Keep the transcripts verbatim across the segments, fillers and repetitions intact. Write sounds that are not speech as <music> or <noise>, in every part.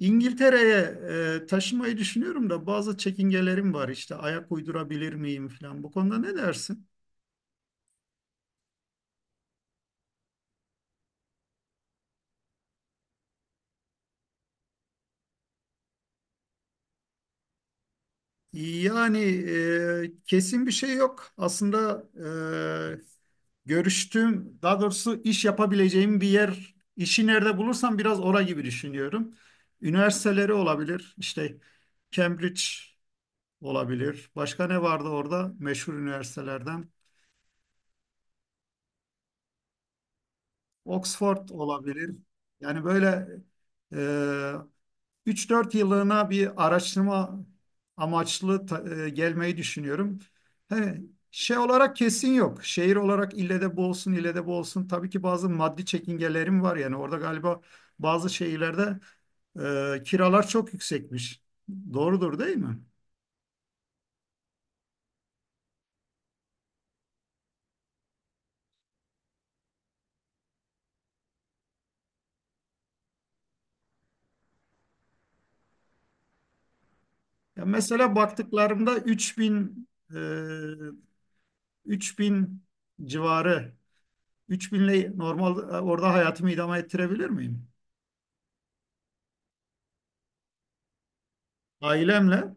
İngiltere'ye e, taşımayı düşünüyorum da bazı çekingelerim var işte ayak uydurabilir miyim falan. Bu konuda ne dersin? Yani e, kesin bir şey yok. Aslında e, görüştüğüm, daha doğrusu iş yapabileceğim bir yer, işi nerede bulursam biraz ora gibi düşünüyorum. Üniversiteleri olabilir, işte Cambridge olabilir. Başka ne vardı orada meşhur üniversitelerden? Oxford olabilir. Yani böyle e, üç dört yıllığına bir araştırma amaçlı ta- e, gelmeyi düşünüyorum. He, şey olarak kesin yok. Şehir olarak ille de bu olsun, ille de bu olsun. Tabii ki bazı maddi çekingelerim var. Yani orada galiba bazı şehirlerde e, kiralar çok yüksekmiş. Doğrudur değil mi? Ya mesela baktıklarımda üç bin, e, üç bin civarı üç bin ile normal e, orada hayatımı idame ettirebilir miyim? Ailemle.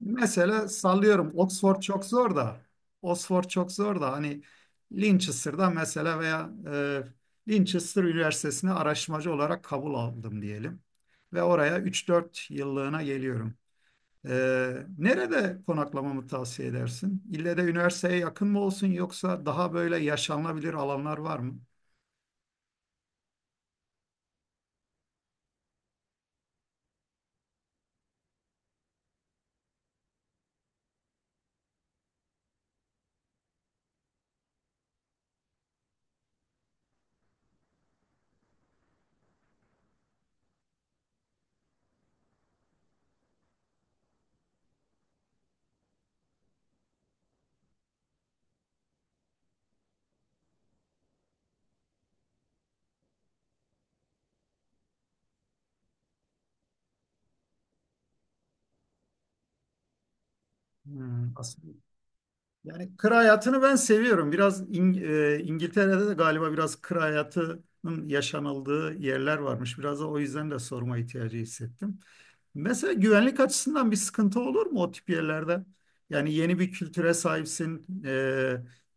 Mesela sallıyorum Oxford çok zor da Oxford çok zor da hani Linchester'da mesela veya e, Linchester Üniversitesi'ne araştırmacı olarak kabul aldım diyelim. Ve oraya üç dört yıllığına geliyorum. E, nerede konaklamamı tavsiye edersin? İlle de üniversiteye yakın mı olsun yoksa daha böyle yaşanılabilir alanlar var mı? Hmm, aslında. Yani kır hayatını ben seviyorum. Biraz İng- e, İngiltere'de de galiba biraz kır hayatının yaşanıldığı yerler varmış. Biraz da o yüzden de sorma ihtiyacı hissettim. Mesela güvenlik açısından bir sıkıntı olur mu o tip yerlerde? Yani yeni bir kültüre sahipsin, e,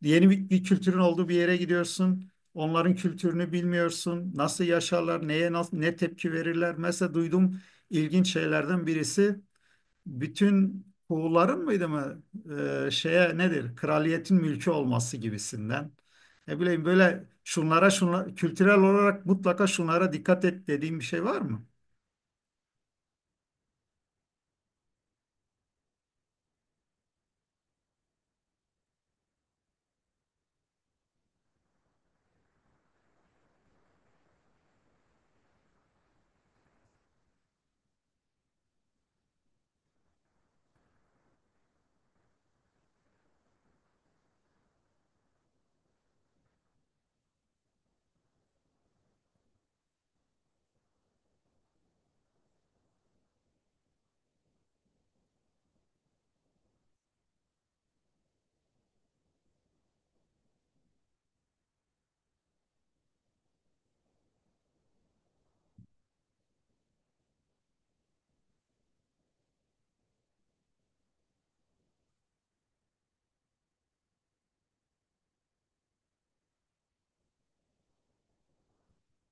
yeni bir, bir kültürün olduğu bir yere gidiyorsun. Onların kültürünü bilmiyorsun. Nasıl yaşarlar, neye nas- ne tepki verirler? Mesela duydum ilginç şeylerden birisi bütün Huğulların mıydı mı e, şeye nedir kraliyetin mülkü olması gibisinden ne bileyim böyle şunlara şunlara kültürel olarak mutlaka şunlara dikkat et dediğim bir şey var mı?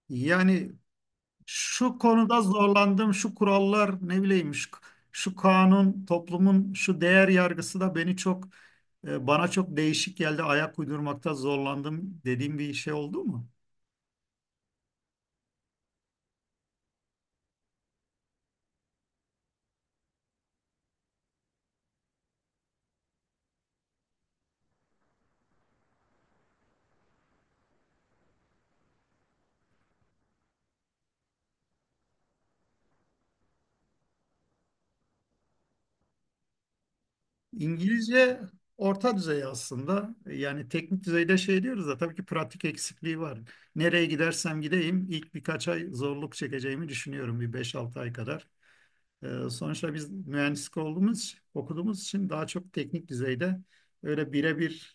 Yani şu konuda zorlandım şu kurallar ne bileyim şu, şu kanun toplumun şu değer yargısı da beni çok e, bana çok değişik geldi ayak uydurmakta zorlandım dediğim bir şey oldu mu? İngilizce orta düzey aslında. Yani teknik düzeyde şey diyoruz da tabii ki pratik eksikliği var. Nereye gidersem gideyim ilk birkaç ay zorluk çekeceğimi düşünüyorum bir beş altı ay kadar. Ee, sonuçta biz mühendislik olduğumuz, okuduğumuz için daha çok teknik düzeyde öyle birebir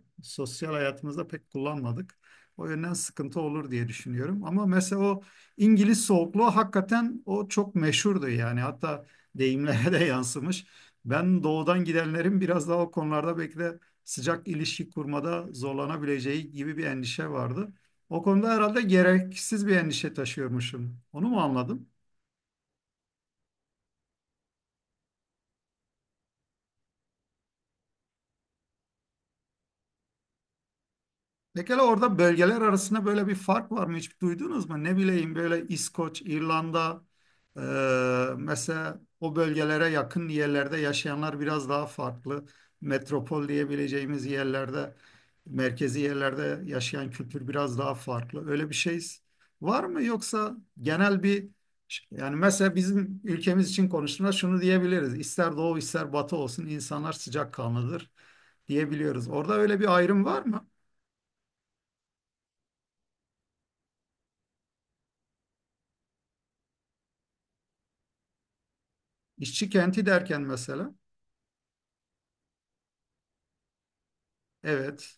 e, sosyal hayatımızda pek kullanmadık. O yönden sıkıntı olur diye düşünüyorum. Ama mesela o İngiliz soğukluğu hakikaten o çok meşhurdu yani. Hatta deyimlere de <laughs> yansımış. Ben doğudan gidenlerin biraz daha o konularda belki de sıcak ilişki kurmada zorlanabileceği gibi bir endişe vardı. O konuda herhalde gereksiz bir endişe taşıyormuşum. Onu mu anladım? Pekala orada bölgeler arasında böyle bir fark var mı? Hiç duydunuz mu? Ne bileyim böyle İskoç, İrlanda, e, mesela o bölgelere yakın yerlerde yaşayanlar biraz daha farklı. Metropol diyebileceğimiz yerlerde, merkezi yerlerde yaşayan kültür biraz daha farklı. Öyle bir şey var mı? Yoksa genel bir, yani mesela bizim ülkemiz için konuştuğumda şunu diyebiliriz. İster doğu ister batı olsun insanlar sıcakkanlıdır diyebiliyoruz. Orada öyle bir ayrım var mı? İşçi kenti derken mesela, evet.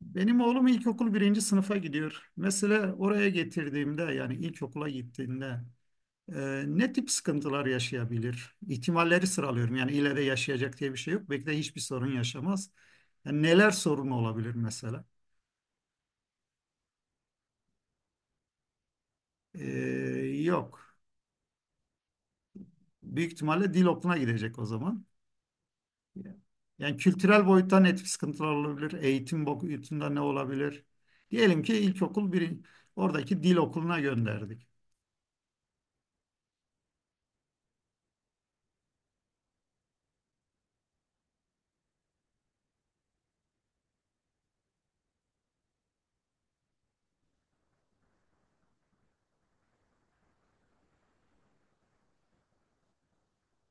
Benim oğlum ilkokul birinci sınıfa gidiyor. Mesela oraya getirdiğimde yani ilkokula gittiğinde e, ne tip sıkıntılar yaşayabilir? İhtimalleri sıralıyorum. Yani ileride yaşayacak diye bir şey yok. Belki de hiçbir sorun yaşamaz. Yani neler sorun olabilir mesela? E, Yok. Büyük ihtimalle dil okuluna gidecek o zaman. Yani kültürel boyuttan net sıkıntılar olabilir. Eğitim boyutunda ne olabilir? Diyelim ki ilkokul bir, oradaki dil okuluna gönderdik.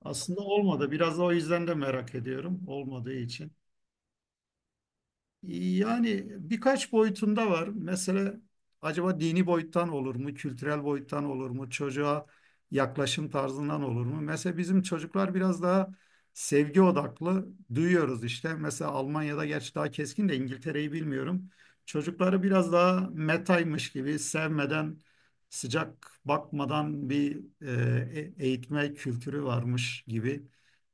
Aslında olmadı. Biraz da o yüzden de merak ediyorum. Olmadığı için. Yani birkaç boyutunda var. Mesela acaba dini boyuttan olur mu, kültürel boyuttan olur mu, çocuğa yaklaşım tarzından olur mu? Mesela bizim çocuklar biraz daha sevgi odaklı duyuyoruz işte. Mesela Almanya'da gerçi daha keskin de İngiltere'yi bilmiyorum. Çocukları biraz daha metaymış gibi sevmeden, sıcak bakmadan bir e, e, eğitme kültürü varmış gibi.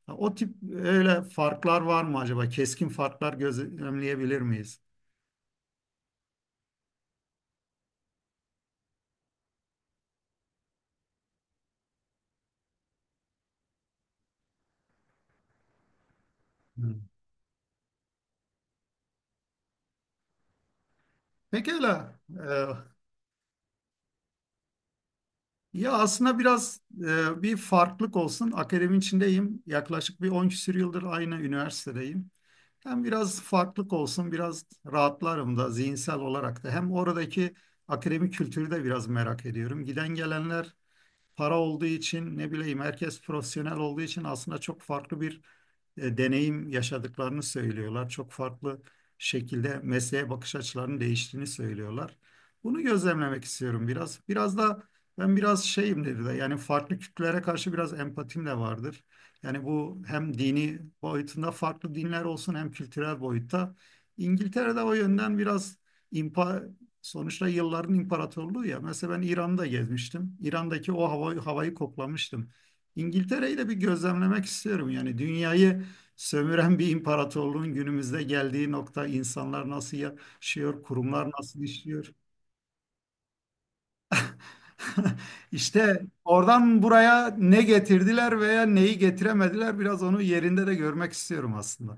Ha, o tip öyle farklar var mı acaba? Keskin farklar gözlemleyebilir miyiz? Hmm. Pekala. Ee, ya aslında biraz e, bir farklılık olsun. Akademinin içindeyim. Yaklaşık bir on küsur yıldır aynı üniversitedeyim. Hem biraz farklılık olsun, biraz rahatlarım da zihinsel olarak da. Hem oradaki akademik kültürü de biraz merak ediyorum. Giden gelenler para olduğu için ne bileyim herkes profesyonel olduğu için aslında çok farklı bir e, deneyim yaşadıklarını söylüyorlar. Çok farklı şekilde mesleğe bakış açılarının değiştiğini söylüyorlar. Bunu gözlemlemek istiyorum biraz. Biraz da ben biraz şeyim dedi de yani farklı kültürlere karşı biraz empatim de vardır. Yani bu hem dini boyutunda farklı dinler olsun hem kültürel boyutta. İngiltere'de o yönden biraz impa sonuçta yılların imparatorluğu ya. Mesela ben İran'da gezmiştim. İran'daki o hava, havayı koklamıştım. İngiltere'yi de bir gözlemlemek istiyorum. Yani dünyayı sömüren bir imparatorluğun günümüzde geldiği nokta insanlar nasıl yaşıyor, kurumlar nasıl işliyor. <laughs> İşte oradan buraya ne getirdiler veya neyi getiremediler biraz onu yerinde de görmek istiyorum aslında.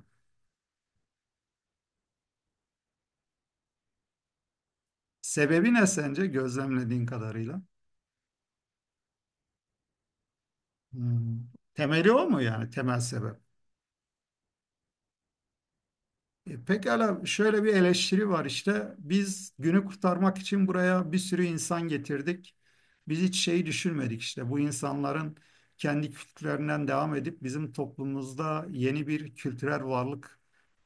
Sebebi ne sence gözlemlediğin kadarıyla? Hmm. Temeli o mu yani temel sebep? E, pekala şöyle bir eleştiri var işte. Biz günü kurtarmak için buraya bir sürü insan getirdik. Biz hiç şeyi düşünmedik işte. Bu insanların kendi kültürlerinden devam edip bizim toplumumuzda yeni bir kültürel varlık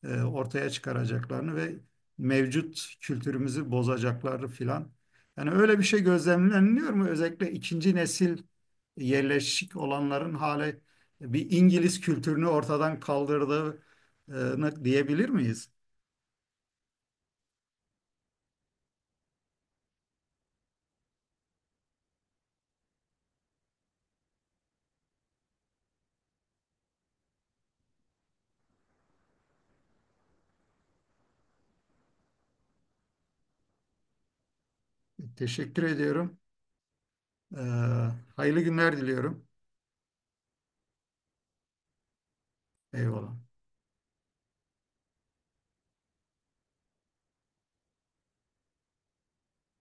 e, ortaya çıkaracaklarını ve mevcut kültürümüzü bozacaklarını filan. Yani öyle bir şey gözlemleniliyor mu? Özellikle ikinci nesil yerleşik olanların hale bir İngiliz kültürünü ortadan kaldırdığı, e, diyebilir miyiz? Teşekkür ediyorum. Ee, Hayırlı günler diliyorum. Eyvallah.